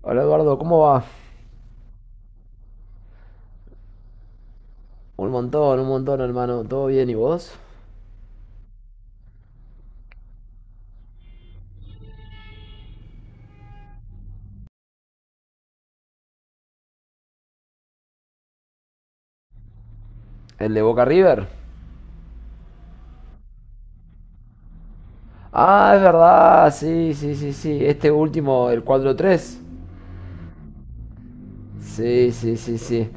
Hola Eduardo, ¿cómo va? Un montón, hermano. ¿Todo bien y vos? ¿El de Boca River? Ah, es verdad, sí, sí, sí, sí. Este último, el cuatro tres. Sí, sí, sí, sí.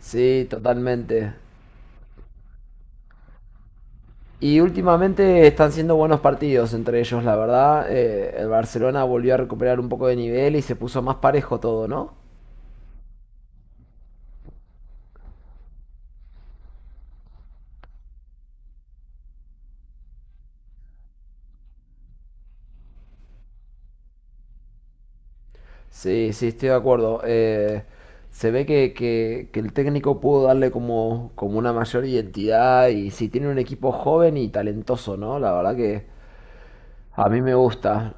Sí, totalmente. Y últimamente están siendo buenos partidos entre ellos, la verdad. El Barcelona volvió a recuperar un poco de nivel y se puso más parejo todo, ¿no? Sí, sí, estoy de acuerdo. Se ve que el técnico pudo darle como, como una mayor identidad y sí, tiene un equipo joven y talentoso, ¿no? La verdad que a mí me gusta.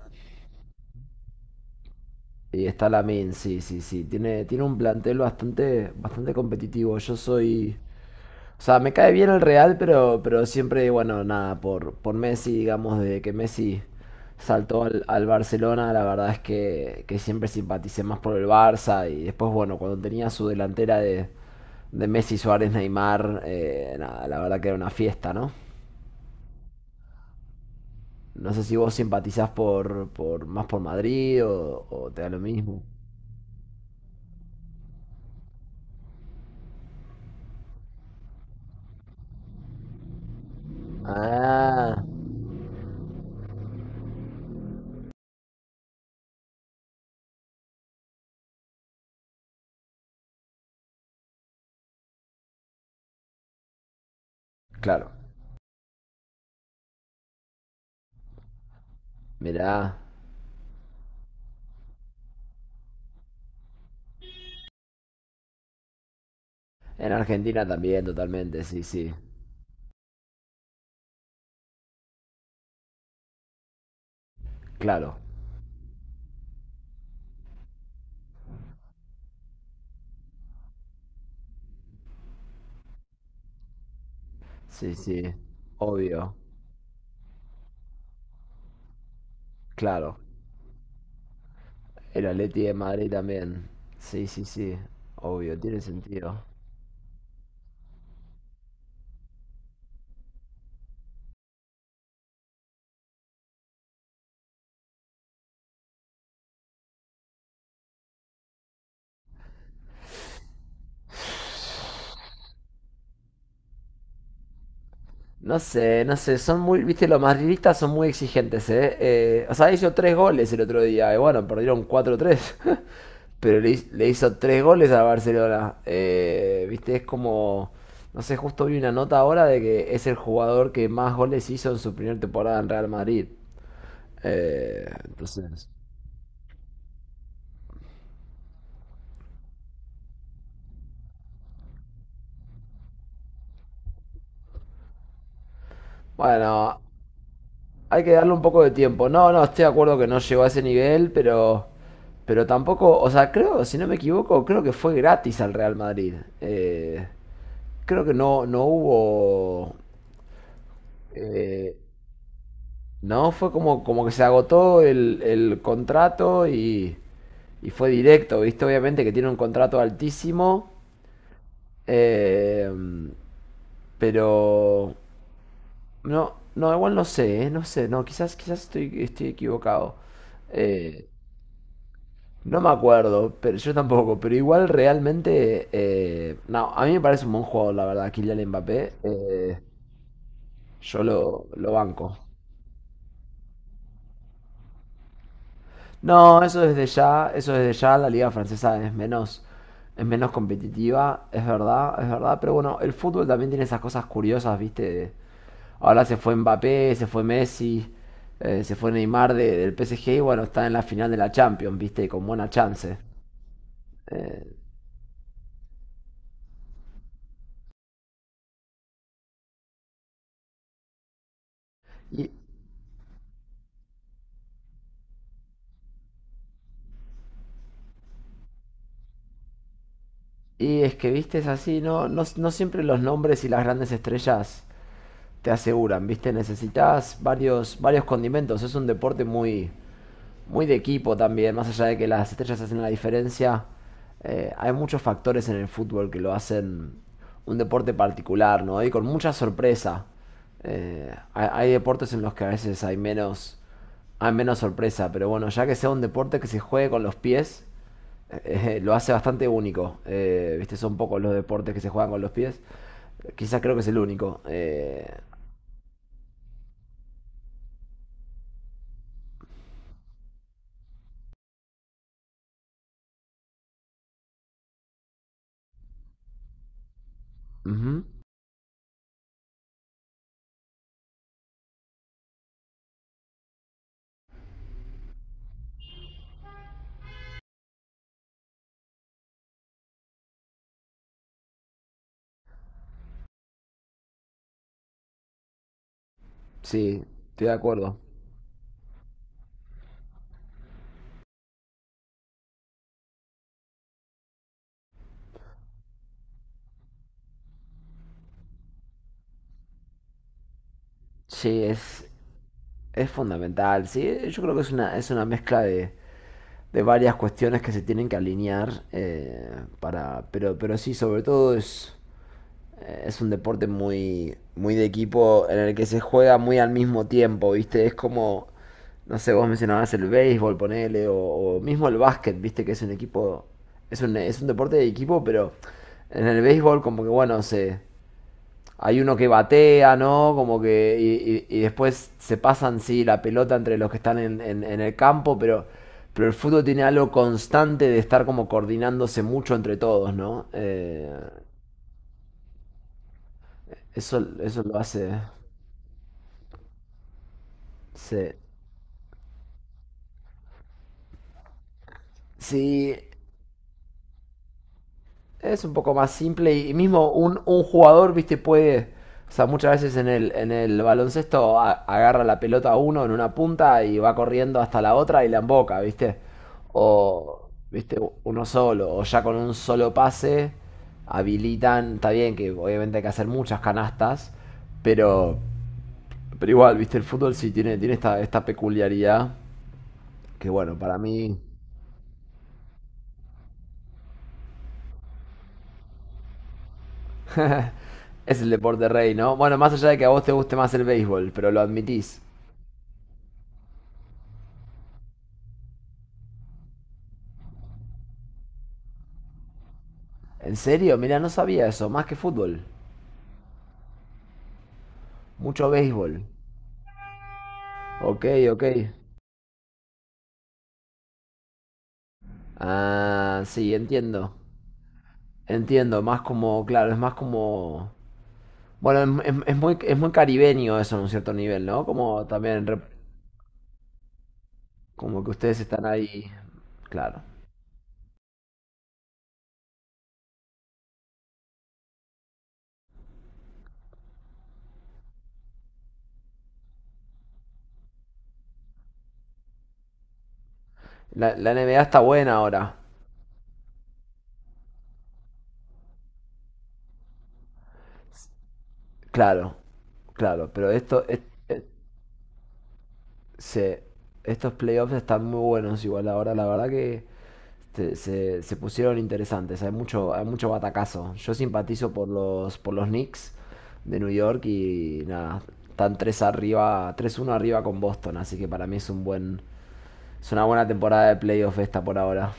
Y está Lamin, sí, sí, sí. Tiene, tiene un plantel bastante, bastante competitivo. Yo soy. O sea, me cae bien el Real, pero siempre, bueno, nada, por Messi, digamos, desde que Messi saltó al, al Barcelona, la verdad es que siempre simpaticé más por el Barça. Y después, bueno, cuando tenía su delantera de Messi, Suárez, Neymar, nada, la verdad que era una fiesta, ¿no? No sé si vos simpatizás por más por Madrid o te da lo mismo. Ah, claro. Mirá, en Argentina también, totalmente, sí, sí. Claro. Sí, sí, obvio, claro. El Atleti de Madrid también. Sí, sí, sí, obvio, tiene sentido. No sé, no sé, son muy, viste, los madridistas son muy exigentes, ¿eh? O sea, hizo tres goles el otro día, y bueno, perdieron cuatro tres pero le, hi- le hizo tres goles a Barcelona. Viste, es como, no sé, justo vi una nota ahora de que es el jugador que más goles hizo en su primera temporada en Real Madrid. Eh, entonces, bueno. Hay que darle un poco de tiempo. No, no, estoy de acuerdo que no llegó a ese nivel, pero tampoco, o sea, creo, si no me equivoco, creo que fue gratis al Real Madrid. Eh, Creo que no, no hubo, eh, no, fue como, como que se agotó el contrato y fue directo, ¿viste? Obviamente que tiene un contrato altísimo, eh, pero no, no, igual no sé, no sé, no, quizás, quizás estoy, estoy equivocado. Eh, No me acuerdo, pero yo tampoco. Pero igual realmente. No, a mí me parece un buen jugador, la verdad, Kylian Mbappé. Yo lo banco. No, eso desde ya, la liga francesa es menos competitiva, es verdad, es verdad. Pero bueno, el fútbol también tiene esas cosas curiosas, ¿viste? Ahora se fue Mbappé, se fue Messi, se fue Neymar de- del PSG y bueno, está en la final de la Champions, ¿viste? Con buena chance. Eh, y, Y es que, viste, es así, no, no, no siempre los nombres y las grandes estrellas te aseguran, viste, necesitas varios, varios condimentos, es un deporte muy, muy de equipo también, más allá de que las estrellas hacen la diferencia, hay muchos factores en el fútbol que lo hacen un deporte particular, ¿no? Y con mucha sorpresa. Hay, hay deportes en los que a veces hay menos sorpresa, pero bueno, ya que sea un deporte que se juegue con los pies, lo hace bastante único. Viste, son pocos los deportes que se juegan con los pies. Quizás creo que es el único. Ujú. Sí, estoy de acuerdo. Sí, es. Es fundamental, sí. Yo creo que es una mezcla de varias cuestiones que se tienen que alinear para. Pero sí, sobre todo es un deporte muy, muy de equipo en el que se juega muy al mismo tiempo, ¿viste? Es como, no sé, vos mencionabas el béisbol, ponele, o mismo el básquet, ¿viste? Que es un equipo, es un deporte de equipo, pero en el béisbol como que, bueno, se, hay uno que batea, ¿no? Como que. Y después se pasan, sí, la pelota entre los que están en el campo, pero el fútbol tiene algo constante de estar como coordinándose mucho entre todos, ¿no? Eso, eso lo hace. Sí. Sí, es un poco más simple y mismo un jugador, viste, puede, o sea, muchas veces en el baloncesto a- agarra la pelota a uno en una punta y va corriendo hasta la otra y la emboca, viste. O, viste, uno solo, o ya con un solo pase habilitan, está bien que obviamente hay que hacer muchas canastas, pero, pero igual, viste, el fútbol sí tiene, tiene esta, esta peculiaridad que bueno, para mí es el deporte rey, ¿no? Bueno, más allá de que a vos te guste más el béisbol, pero lo admitís. ¿En serio? Mira, no sabía eso. Más que fútbol. Mucho béisbol. Ok, ok. Ah, sí, entiendo. Entiendo. Más como, claro, es más como... Bueno, es muy caribeño eso en un cierto nivel, ¿no? Como también, rep- como que ustedes están ahí. Claro. La, la NBA está buena ahora. Claro, claro. Pero esto, es- se- estos playoffs están muy buenos igual ahora. La verdad que... se pusieron interesantes. Hay mucho batacazo. Yo simpatizo por los Knicks de New York y nada, están 3 arriba, tres uno arriba con Boston, así que para mí es un buen, es una buena temporada de playoff esta por ahora.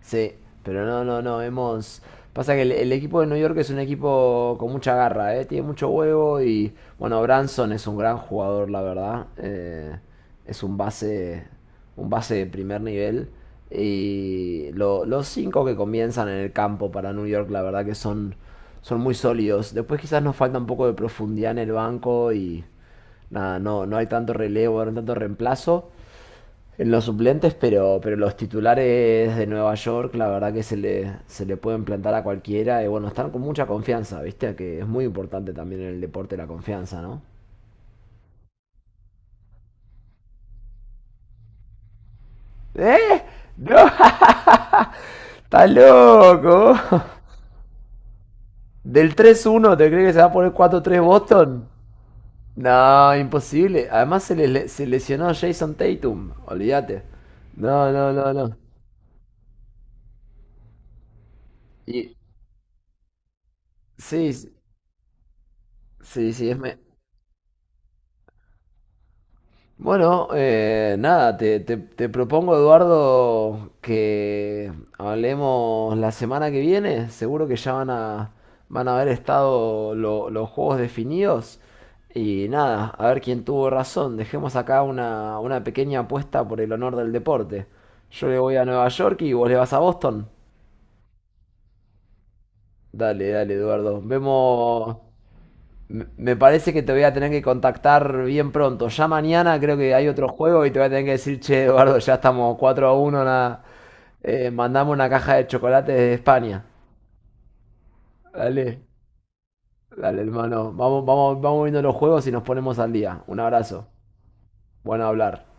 Sí, pero no, no, no, hemos... Pasa que el equipo de New York es un equipo con mucha garra, ¿eh? Tiene mucho huevo y, bueno, Branson es un gran jugador, la verdad. Es un base de primer nivel. Y lo- los cinco que comienzan en el campo para New York, la verdad que son, son muy sólidos. Después quizás nos falta un poco de profundidad en el banco y, nada, no, no hay tanto relevo, no hay tanto reemplazo. En los suplentes, pero los titulares de Nueva York, la verdad que se le pueden plantar a cualquiera. Y bueno, están con mucha confianza, ¿viste? Que es muy importante también en el deporte la confianza, ¿no? ¿Eh? ¡No! ¡Estás loco! ¿Del tres uno, te crees que se va a poner cuatro tres Boston? No, imposible. Además se, le- se lesionó Jason Tatum, olvídate. No, no, no, no. Y sí, sí, sí, es, me- bueno, nada, te- te propongo, Eduardo, que hablemos la semana que viene. Seguro que ya van a, van a haber estado lo- los juegos definidos. Y nada, a ver quién tuvo razón. Dejemos acá una pequeña apuesta por el honor del deporte. Yo le voy a Nueva York y vos le vas a Boston. Dale, dale, Eduardo. Vemos. Me- parece que te voy a tener que contactar bien pronto. Ya mañana creo que hay otro juego y te voy a tener que decir, che, Eduardo, ya estamos 4 a uno. Nada. Mandamos una caja de chocolates de España. Dale, dale, hermano. Vamos, vamos, vamos viendo los juegos y nos ponemos al día. Un abrazo. Bueno hablar.